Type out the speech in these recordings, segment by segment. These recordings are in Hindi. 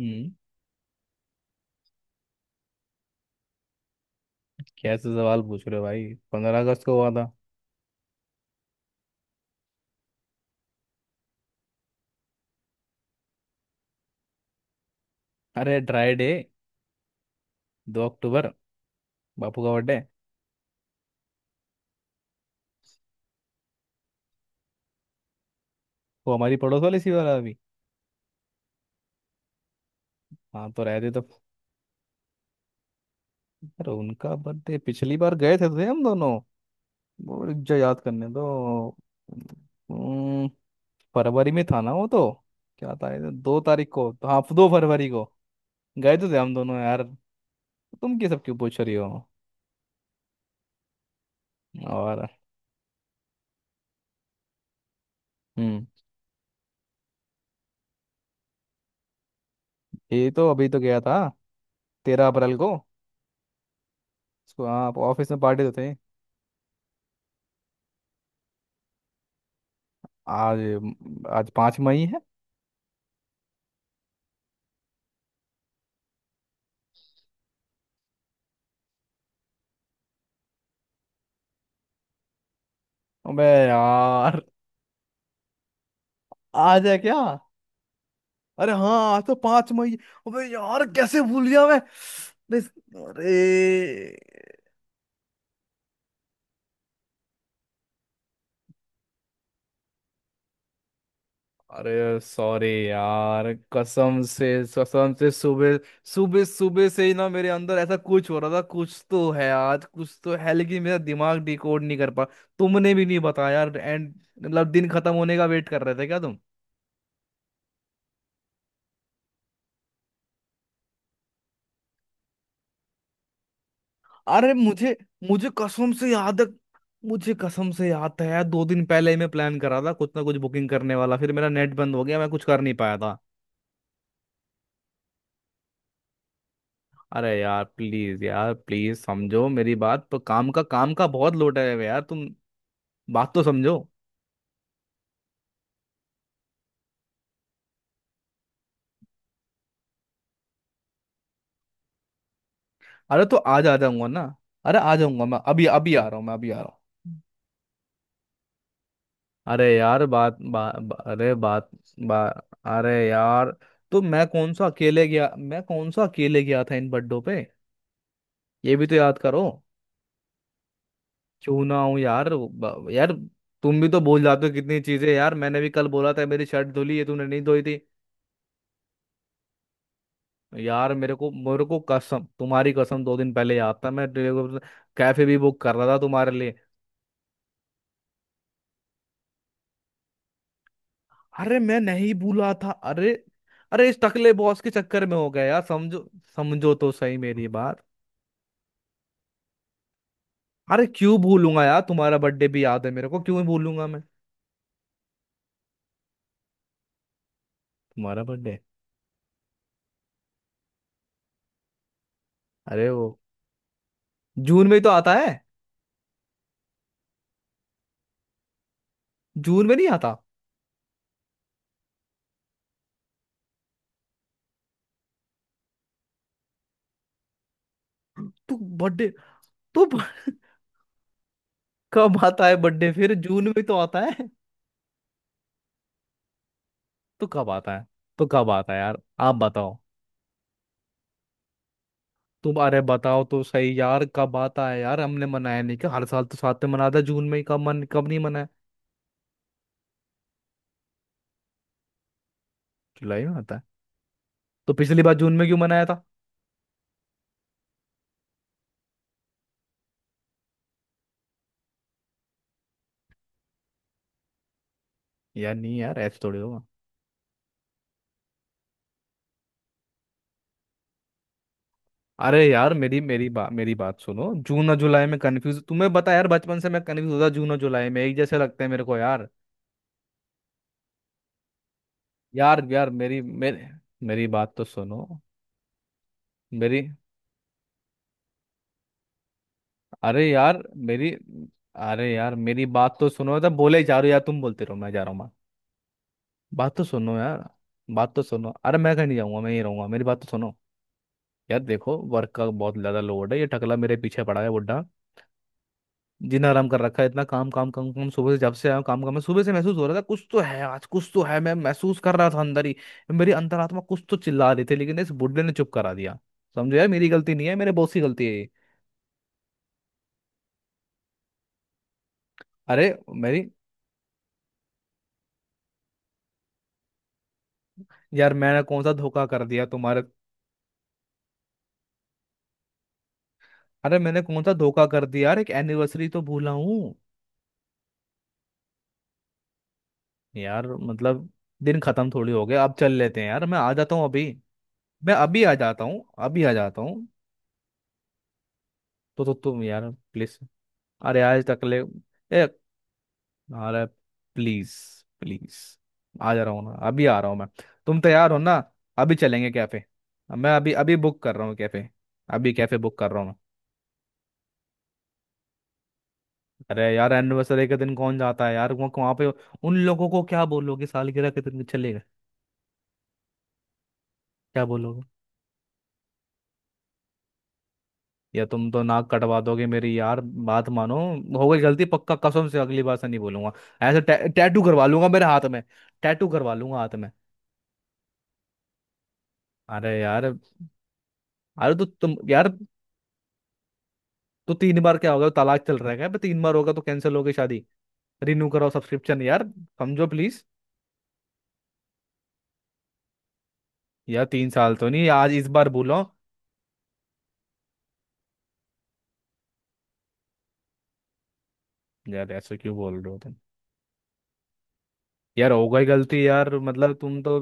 हम्म। कैसे सवाल पूछ रहे हो भाई? 15 अगस्त को हुआ था। अरे ड्राई डे, 2 अक्टूबर, बापू का बर्थडे। वो हमारी पड़ोस वाली सी वाला अभी। हाँ तो रहते तो। अरे उनका बर्थडे पिछली बार गए थे हम दोनों। वो रुक जा, याद करने दो। हम्म, फरवरी में था ना वो तो। क्या तारीख थी? दो तारीख को तो, हाँ 2 फरवरी को। गए तो थे हम दोनों यार। तुम ये सब क्यों पूछ रही हो? और हम्म, ये तो अभी तो गया था, 13 अप्रैल को। इसको हाँ ऑफिस में पार्टी तो थे। आज, आज 5 मई है। अबे यार, आज है क्या? अरे हाँ आज तो 5 मई है। अबे यार कैसे भूल गया मैं, अरे। अरे अरे सॉरी यार, कसम से। कसम से सुबह, सुबह से ही ना मेरे अंदर ऐसा कुछ हो रहा था, कुछ तो है आज, कुछ तो है, लेकिन मेरा दिमाग डिकोड नहीं कर पा। तुमने भी नहीं बताया यार। एंड मतलब दिन खत्म होने का वेट कर रहे थे क्या तुम? अरे मुझे, मुझे कसम से याद है मुझे कसम से याद है यार, दो दिन पहले ही मैं प्लान करा था, कुछ ना कुछ बुकिंग करने वाला, फिर मेरा नेट बंद हो गया, मैं कुछ कर नहीं पाया था। अरे यार प्लीज, यार प्लीज समझो मेरी बात तो, काम का बहुत लोड है यार तुम, बात तो समझो। अरे तो आज आ जाऊंगा ना। अरे आ जाऊंगा मैं, अभी अभी आ रहा हूँ, मैं अभी आ रहा हूँ। अरे यार बात बा, बा, अरे बात बा, अरे यार। तो मैं कौन सा अकेले गया, मैं कौन सा अकेले गया था इन बड्डों पे? ये भी तो याद करो। क्यों ना हूँ यार यार, तुम भी तो भूल जाते हो कितनी चीजें यार, मैंने भी कल बोला था मेरी शर्ट धुली है, तूने नहीं धोई थी। यार मेरे को कसम तुम्हारी कसम, दो दिन पहले याद था मैं कैफे भी बुक कर रहा था तुम्हारे लिए। अरे मैं नहीं भूला था, अरे। अरे इस टकले बॉस के चक्कर में हो गया यार, समझो। समझो तो सही मेरी बात। अरे क्यों भूलूंगा यार, तुम्हारा बर्थडे भी याद है मेरे को, क्यों भूलूंगा मैं? तुम्हारा बर्थडे? अरे वो जून में ही तो आता है। जून में नहीं आता? तू बर्थडे तू कब आता है बर्थडे फिर? जून में तो आता है। तो कब आता है? तो कब आता है यार, आप बताओ। तुम अरे बताओ तो सही यार, कब आता है यार? हमने मनाया नहीं क्या? हर साल तो साथ में मनाता है जून में ही, कब मन, कब नहीं मनाया? जुलाई में आता है? तो पिछली बार जून में क्यों मनाया था? यार नहीं यार, ऐसे थोड़ी होगा। अरे यार मेरी मेरी बात सुनो, जून और जुलाई में कंफ्यूज, तुम्हें पता है यार बचपन से मैं कंफ्यूज होता, जून और जुलाई में एक जैसे लगते हैं मेरे को यार। यार मेरी बात तो सुनो। मेरी अरे यार मेरी, अरे यार मेरी बात तो सुनो, तो बोले जा रहे हो यार, तुम बोलते रहो मैं जा रहा हूँ मैं। बात तो सुनो यार, बात तो सुनो, अरे मैं कहीं नहीं जाऊंगा, मैं ही रहूंगा, मेरी बात तो सुनो। यार देखो वर्क का बहुत ज्यादा लोड है, ये टकला मेरे पीछे पड़ा है बुड्ढा, जिन आराम कर रखा है, इतना काम काम काम काम सुबह से, जब से आया हूं, काम काम है। सुबह से महसूस हो रहा था कुछ तो है आज, कुछ तो है, मैं महसूस कर रहा था अंदर ही। मेरी अंतरात्मा कुछ तो चिल्ला रही थी, लेकिन इस बुड्ढे ने चुप करा दिया। समझो यार मेरी गलती नहीं है, मेरे बॉस की गलती है ये। अरे मेरी यार, मैंने कौन सा धोखा कर दिया तुम्हारे? अरे मैंने कौन सा धोखा कर दिया यार, एक एनिवर्सरी तो भूला हूँ। यार मतलब दिन खत्म थोड़ी हो गया, अब चल लेते हैं यार, मैं आ जाता हूँ अभी। मैं अभी आ जाता हूँ। तो तुम यार प्लीज, अरे आज तक ले। ए अरे प्लीज, प्लीज आ, जा रहा हूँ ना, अभी आ रहा हूँ मैं। तुम तैयार हो ना? अभी चलेंगे कैफे, मैं अभी अभी बुक कर रहा हूँ कैफे, अभी कैफे बुक कर रहा हूँ मैं। अरे यार एनिवर्सरी के दिन कौन जाता है यार वहाँ, वहाँ पे। उन लोगों को क्या बोलोगे, सालगिरह के दिन चलेगा? क्या बोलोगे? या तुम तो नाक कटवा दोगे मेरी, यार बात मानो। हो गई गलती, पक्का कसम से अगली बार से नहीं बोलूंगा। ऐसे टैटू करवा लूंगा मेरे हाथ में, टैटू करवा लूंगा हाथ में। अरे यार, अरे तो तुम यार, तो तीन बार क्या होगा, तलाक चल रहा है क्या बे? तीन बार होगा तो कैंसिल होगी शादी? रिन्यू कराओ सब्सक्रिप्शन यार। समझो प्लीज। यार तीन साल तो नहीं, आज इस बार बोलो। यार ऐसे क्यों बोल रहे हो तुम? यार हो गई गलती यार, मतलब तुम तो।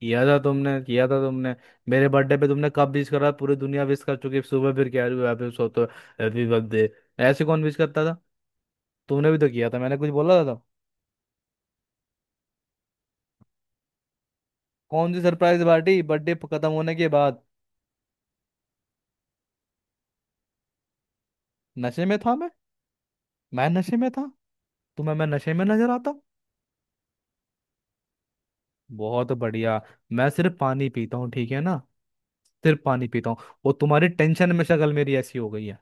किया था तुमने, किया था तुमने। मेरे बर्थडे पे तुमने कब विश करा? पूरी दुनिया विश कर चुकी है सुबह, फिर क्या हुआ, फिर सोते हैप्पी बर्थडे, ऐसे कौन विश करता था? तुमने भी तो किया था, मैंने कुछ बोला था तब? कौन सी सरप्राइज पार्टी बर्थडे खत्म होने के बाद? नशे में था मैं? मैं नशे में था? तुम्हें मैं नशे में नजर आता हूँ? बहुत बढ़िया। मैं सिर्फ पानी पीता हूँ, ठीक है ना, सिर्फ पानी पीता हूँ। वो तुम्हारी टेंशन में शक्ल मेरी ऐसी हो गई है।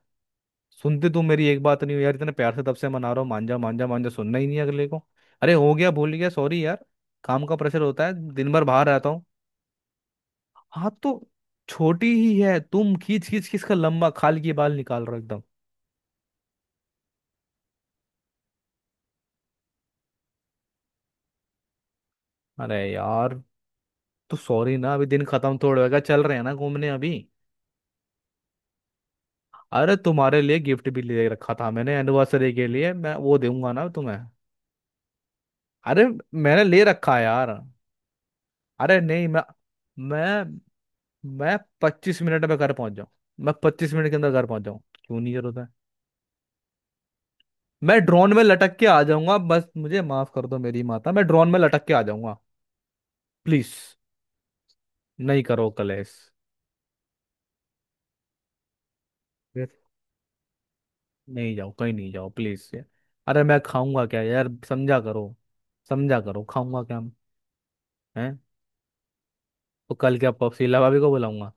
सुनते तुम मेरी एक बात नहीं हो यार, इतने प्यार से तब से मना रहा हूँ, मांझा मांझा मांझा सुनना ही नहीं है अगले को। अरे हो गया, भूल गया, सॉरी यार, काम का प्रेशर होता है, दिन भर बाहर रहता हूँ। हाँ तो छोटी ही है, तुम खींच खींच खींच का लंबा खाल की बाल निकाल रहे हो एकदम। अरे यार तो सॉरी ना, अभी दिन खत्म थोड़ा होगा, चल रहे हैं ना घूमने अभी। अरे तुम्हारे लिए गिफ्ट भी ले रखा था मैंने एनिवर्सरी के लिए, मैं वो दूंगा ना तुम्हें। अरे मैंने ले रखा है यार। अरे नहीं मैं, मैं मैं 25 मिनट में घर पहुंच जाऊं, मैं पच्चीस मिनट के अंदर घर पहुंच जाऊं, क्यों नहीं जरूरत है? मैं ड्रोन में लटक के आ जाऊंगा, बस मुझे माफ कर दो मेरी माता, मैं ड्रोन में लटक के आ जाऊंगा, प्लीज। नहीं करो कलेश। फिर नहीं जाओ, कहीं नहीं जाओ प्लीज यार। अरे मैं खाऊंगा क्या यार, समझा करो, समझा करो खाऊंगा क्या मैं? हैं? तो कल क्या शीला भाभी को बुलाऊंगा?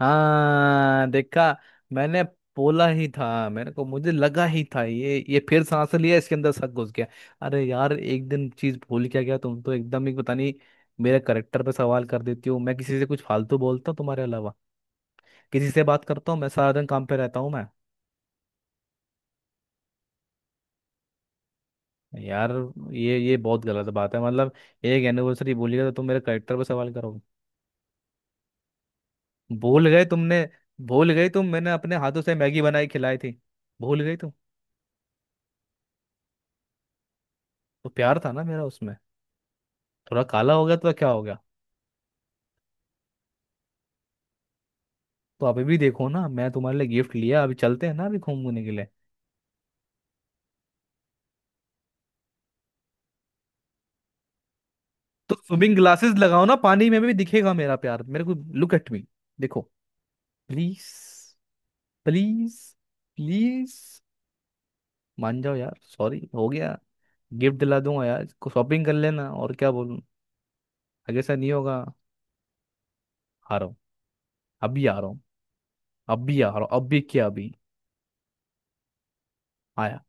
हाँ देखा, मैंने बोला ही था मेरे को, मुझे लगा ही था ये फिर सांस लिया इसके अंदर शक घुस गया। अरे यार एक दिन चीज भूल क्या गया, तुम तो एकदम ही पता नहीं मेरे करेक्टर पे सवाल कर देती हो। मैं किसी से कुछ फालतू बोलता हूँ तुम्हारे अलावा? किसी से बात करता हूँ मैं? सारा दिन काम पे रहता हूँ मैं। यार ये बहुत गलत बात है, मतलब एक एनिवर्सरी भूल गया तो तुम मेरे करेक्टर पे सवाल करोगे? भूल गए तुमने, भूल गई तुम, मैंने अपने हाथों से मैगी बनाई खिलाई थी, भूल गई तुम? तो प्यार था ना मेरा उसमें, थोड़ा काला हो गया तो क्या हो गया। तो आप भी देखो ना, मैं तुम्हारे लिए गिफ्ट लिया, अभी चलते हैं ना अभी घूमने के लिए। तो स्विमिंग ग्लासेस लगाओ ना, पानी में भी दिखेगा मेरा प्यार मेरे को। लुक एट मी, देखो, प्लीज, प्लीज, प्लीज, मान जाओ यार, सॉरी हो गया, गिफ्ट दिला दूंगा यार, शॉपिंग कर लेना, और क्या बोलूं, आगे से नहीं होगा। हारो, अभी आ रहा हूँ, अभी आ रहा हूँ, अभी क्या, अभी आया।